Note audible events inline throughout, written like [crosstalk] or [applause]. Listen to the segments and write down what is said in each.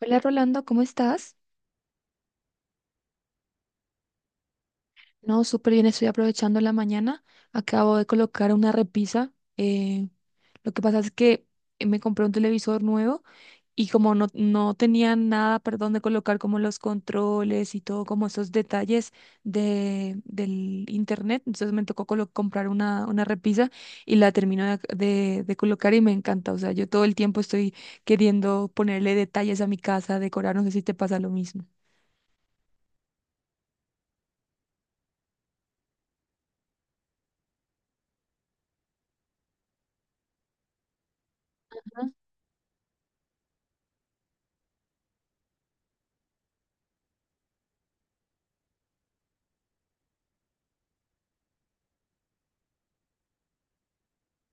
Hola Rolando, ¿cómo estás? No, súper bien, estoy aprovechando la mañana. Acabo de colocar una repisa. Lo que pasa es que me compré un televisor nuevo y como no tenía nada, perdón, de colocar como los controles y todo, como esos detalles del internet. Entonces me tocó comprar una repisa y la termino de colocar y me encanta. O sea, yo todo el tiempo estoy queriendo ponerle detalles a mi casa, decorar, no sé si te pasa lo mismo.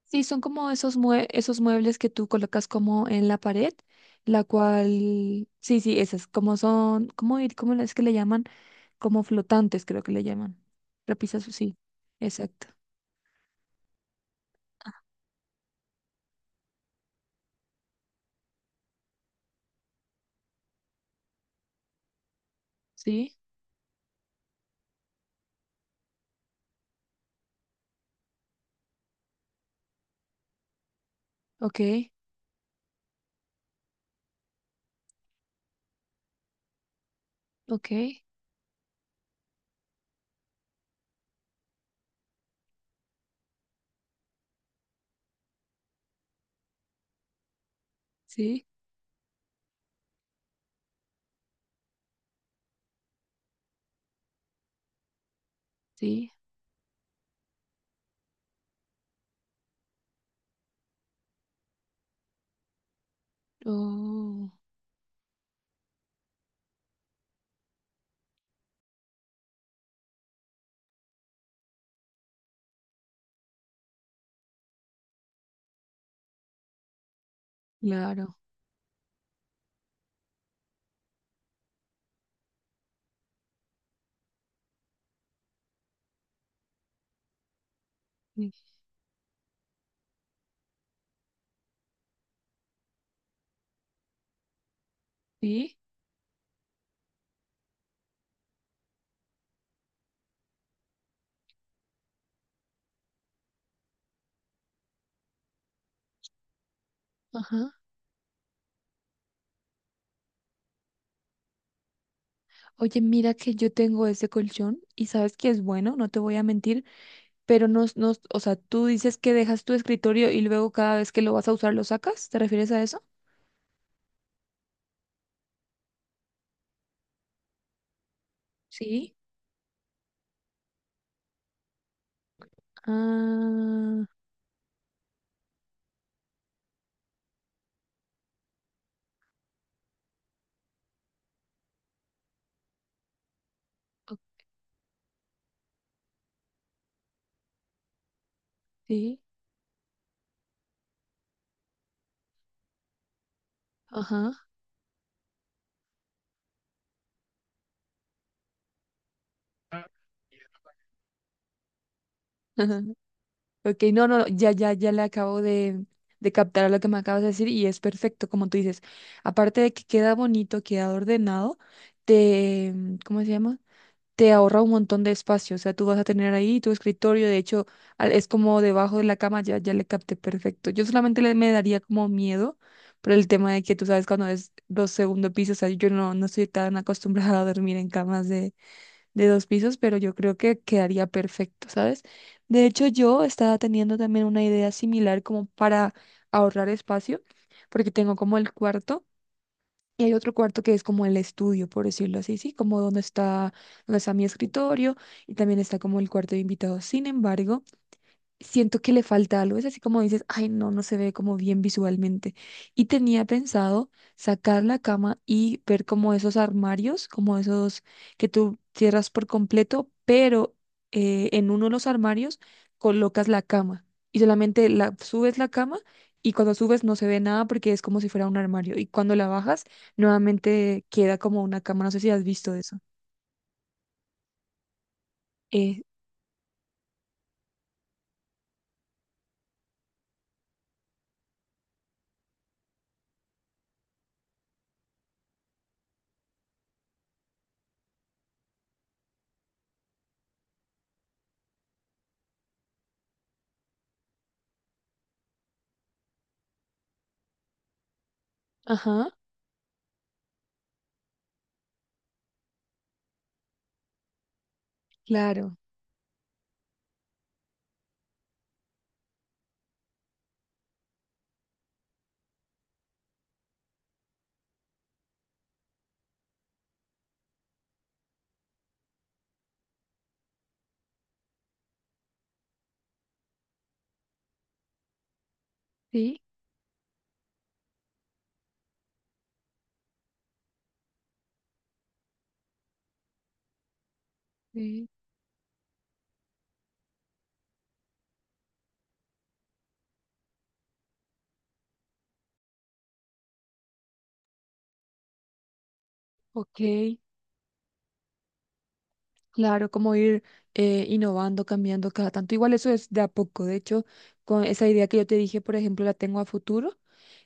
Sí, son como esos, esos muebles que tú colocas como en la pared, la cual, sí, sí, esas, como son, ¿cómo, cómo es que le llaman? Como flotantes, creo que le llaman. Repisas, sí, exacto. Sí, ok, ok, sí, sí, oh, claro, sí, sí, ajá. Oye, mira que yo tengo ese colchón y sabes que es bueno, no te voy a mentir, pero no, no, o sea, tú dices que dejas tu escritorio y luego cada vez que lo vas a usar lo sacas, ¿te refieres a eso? Sí. Ah, ok. Ajá. [laughs] ajá. Ok, no, no, ya, ya, ya le acabo de captar a lo que me acabas de decir y es perfecto, como tú dices. Aparte de que queda bonito, queda ordenado, te, ¿cómo se llama? Te ahorra un montón de espacio. O sea, tú vas a tener ahí tu escritorio. De hecho, es como debajo de la cama, ya, ya le capté perfecto. Yo solamente le, me daría como miedo por el tema de que tú sabes cuando es los segundos pisos. O sea, yo no estoy tan acostumbrada a dormir en camas de dos pisos, pero yo creo que quedaría perfecto, ¿sabes? De hecho, yo estaba teniendo también una idea similar como para ahorrar espacio, porque tengo como el cuarto y hay otro cuarto que es como el estudio, por decirlo así, sí, como donde está mi escritorio y también está como el cuarto de invitados. Sin embargo, siento que le falta algo. Es así como dices, ay, no se ve como bien visualmente. Y tenía pensado sacar la cama y ver como esos armarios, como esos que tú cierras por completo, pero en uno de los armarios colocas la cama y solamente subes la cama. Y cuando subes no se ve nada porque es como si fuera un armario. Y cuando la bajas, nuevamente queda como una cama. No sé si has visto eso. Eh, ajá, claro. Sí, sí. Ok. Claro, como ir innovando, cambiando cada tanto. Igual eso es de a poco. De hecho, con esa idea que yo te dije, por ejemplo, la tengo a futuro.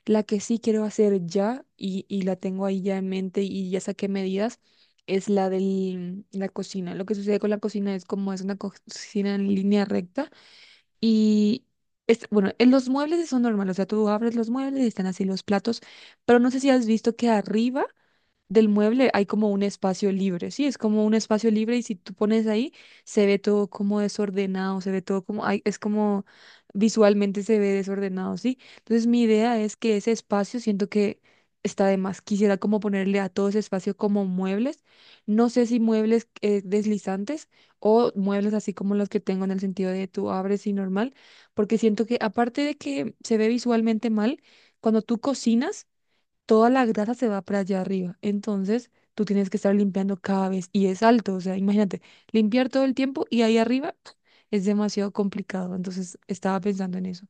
La que sí quiero hacer ya y la tengo ahí ya en mente y ya saqué medidas es la de la cocina. Lo que sucede con la cocina es como es una cocina en línea recta y es, bueno, en los muebles son normales. O sea, tú abres los muebles y están así los platos, pero no sé si has visto que arriba del mueble hay como un espacio libre, sí, es como un espacio libre y si tú pones ahí, se ve todo como desordenado, se ve todo como, ay, es como visualmente se ve desordenado, sí. Entonces mi idea es que ese espacio siento que está de más. Quisiera como ponerle a todo ese espacio como muebles, no sé si muebles deslizantes o muebles así como los que tengo en el sentido de tú abres y normal, porque siento que aparte de que se ve visualmente mal, cuando tú cocinas, toda la grasa se va para allá arriba. Entonces, tú tienes que estar limpiando cada vez y es alto, o sea, imagínate, limpiar todo el tiempo y ahí arriba [sniffs] [tsk] es demasiado complicado. Entonces, estaba pensando en eso.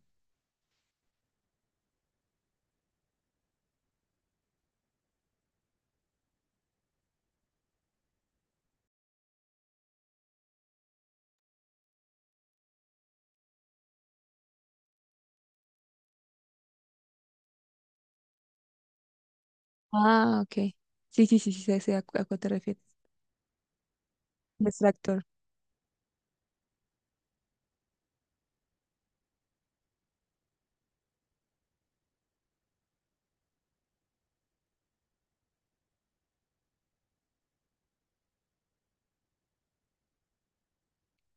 Ah, ok. Sí, sí, sí, sí, sé, a cuál te refieres. El extractor.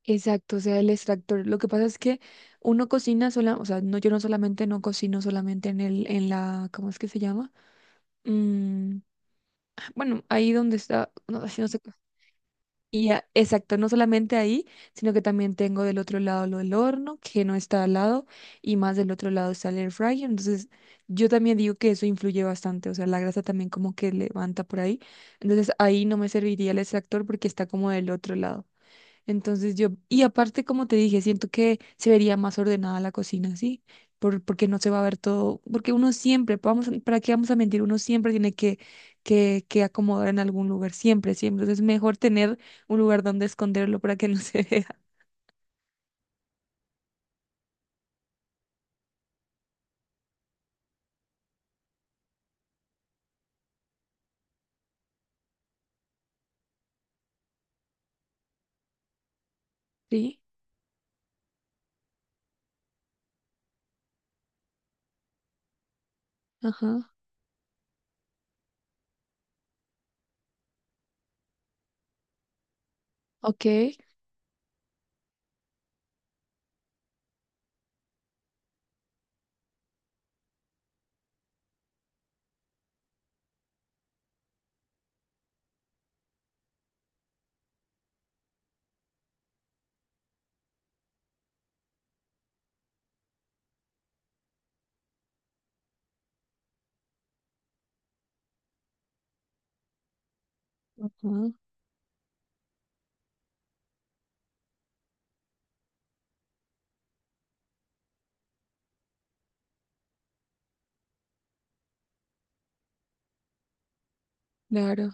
Exacto, o sea, el extractor. Lo que pasa es que uno cocina sola, o sea, no, yo no solamente no cocino solamente en en la, ¿cómo es que se llama? Mm, bueno, ahí donde está, no, ay, no sé. Y exacto, no solamente ahí, sino que también tengo del otro lado lo del horno, que no está al lado, y más del otro lado está el air fryer. Entonces, yo también digo que eso influye bastante, o sea, la grasa también como que levanta por ahí. Entonces, ahí no me serviría el extractor porque está como del otro lado. Entonces yo, y aparte, como te dije, siento que se vería más ordenada la cocina, ¿sí? Porque no se va a ver todo, porque uno siempre, vamos, ¿para qué vamos a mentir? Uno siempre tiene que acomodar en algún lugar, siempre, siempre. Entonces es mejor tener un lugar donde esconderlo para que no se [laughs] vea. Sí, ajá, ok, ajá, claro.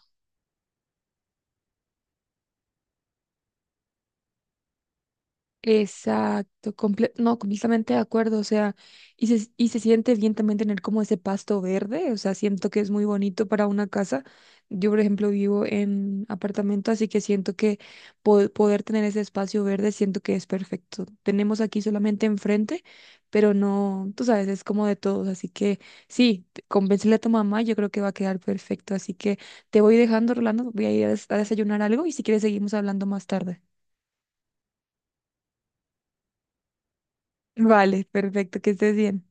Exacto, no, completamente de acuerdo, o sea, y se siente bien también tener como ese pasto verde, o sea, siento que es muy bonito para una casa. Yo, por ejemplo, vivo en apartamento, así que siento que poder tener ese espacio verde, siento que es perfecto. Tenemos aquí solamente enfrente, pero no, tú sabes, es como de todos, así que sí, convéncele a tu mamá, yo creo que va a quedar perfecto, así que te voy dejando, Rolando, voy a ir a a desayunar algo y si quieres seguimos hablando más tarde. Vale, perfecto, que estés bien.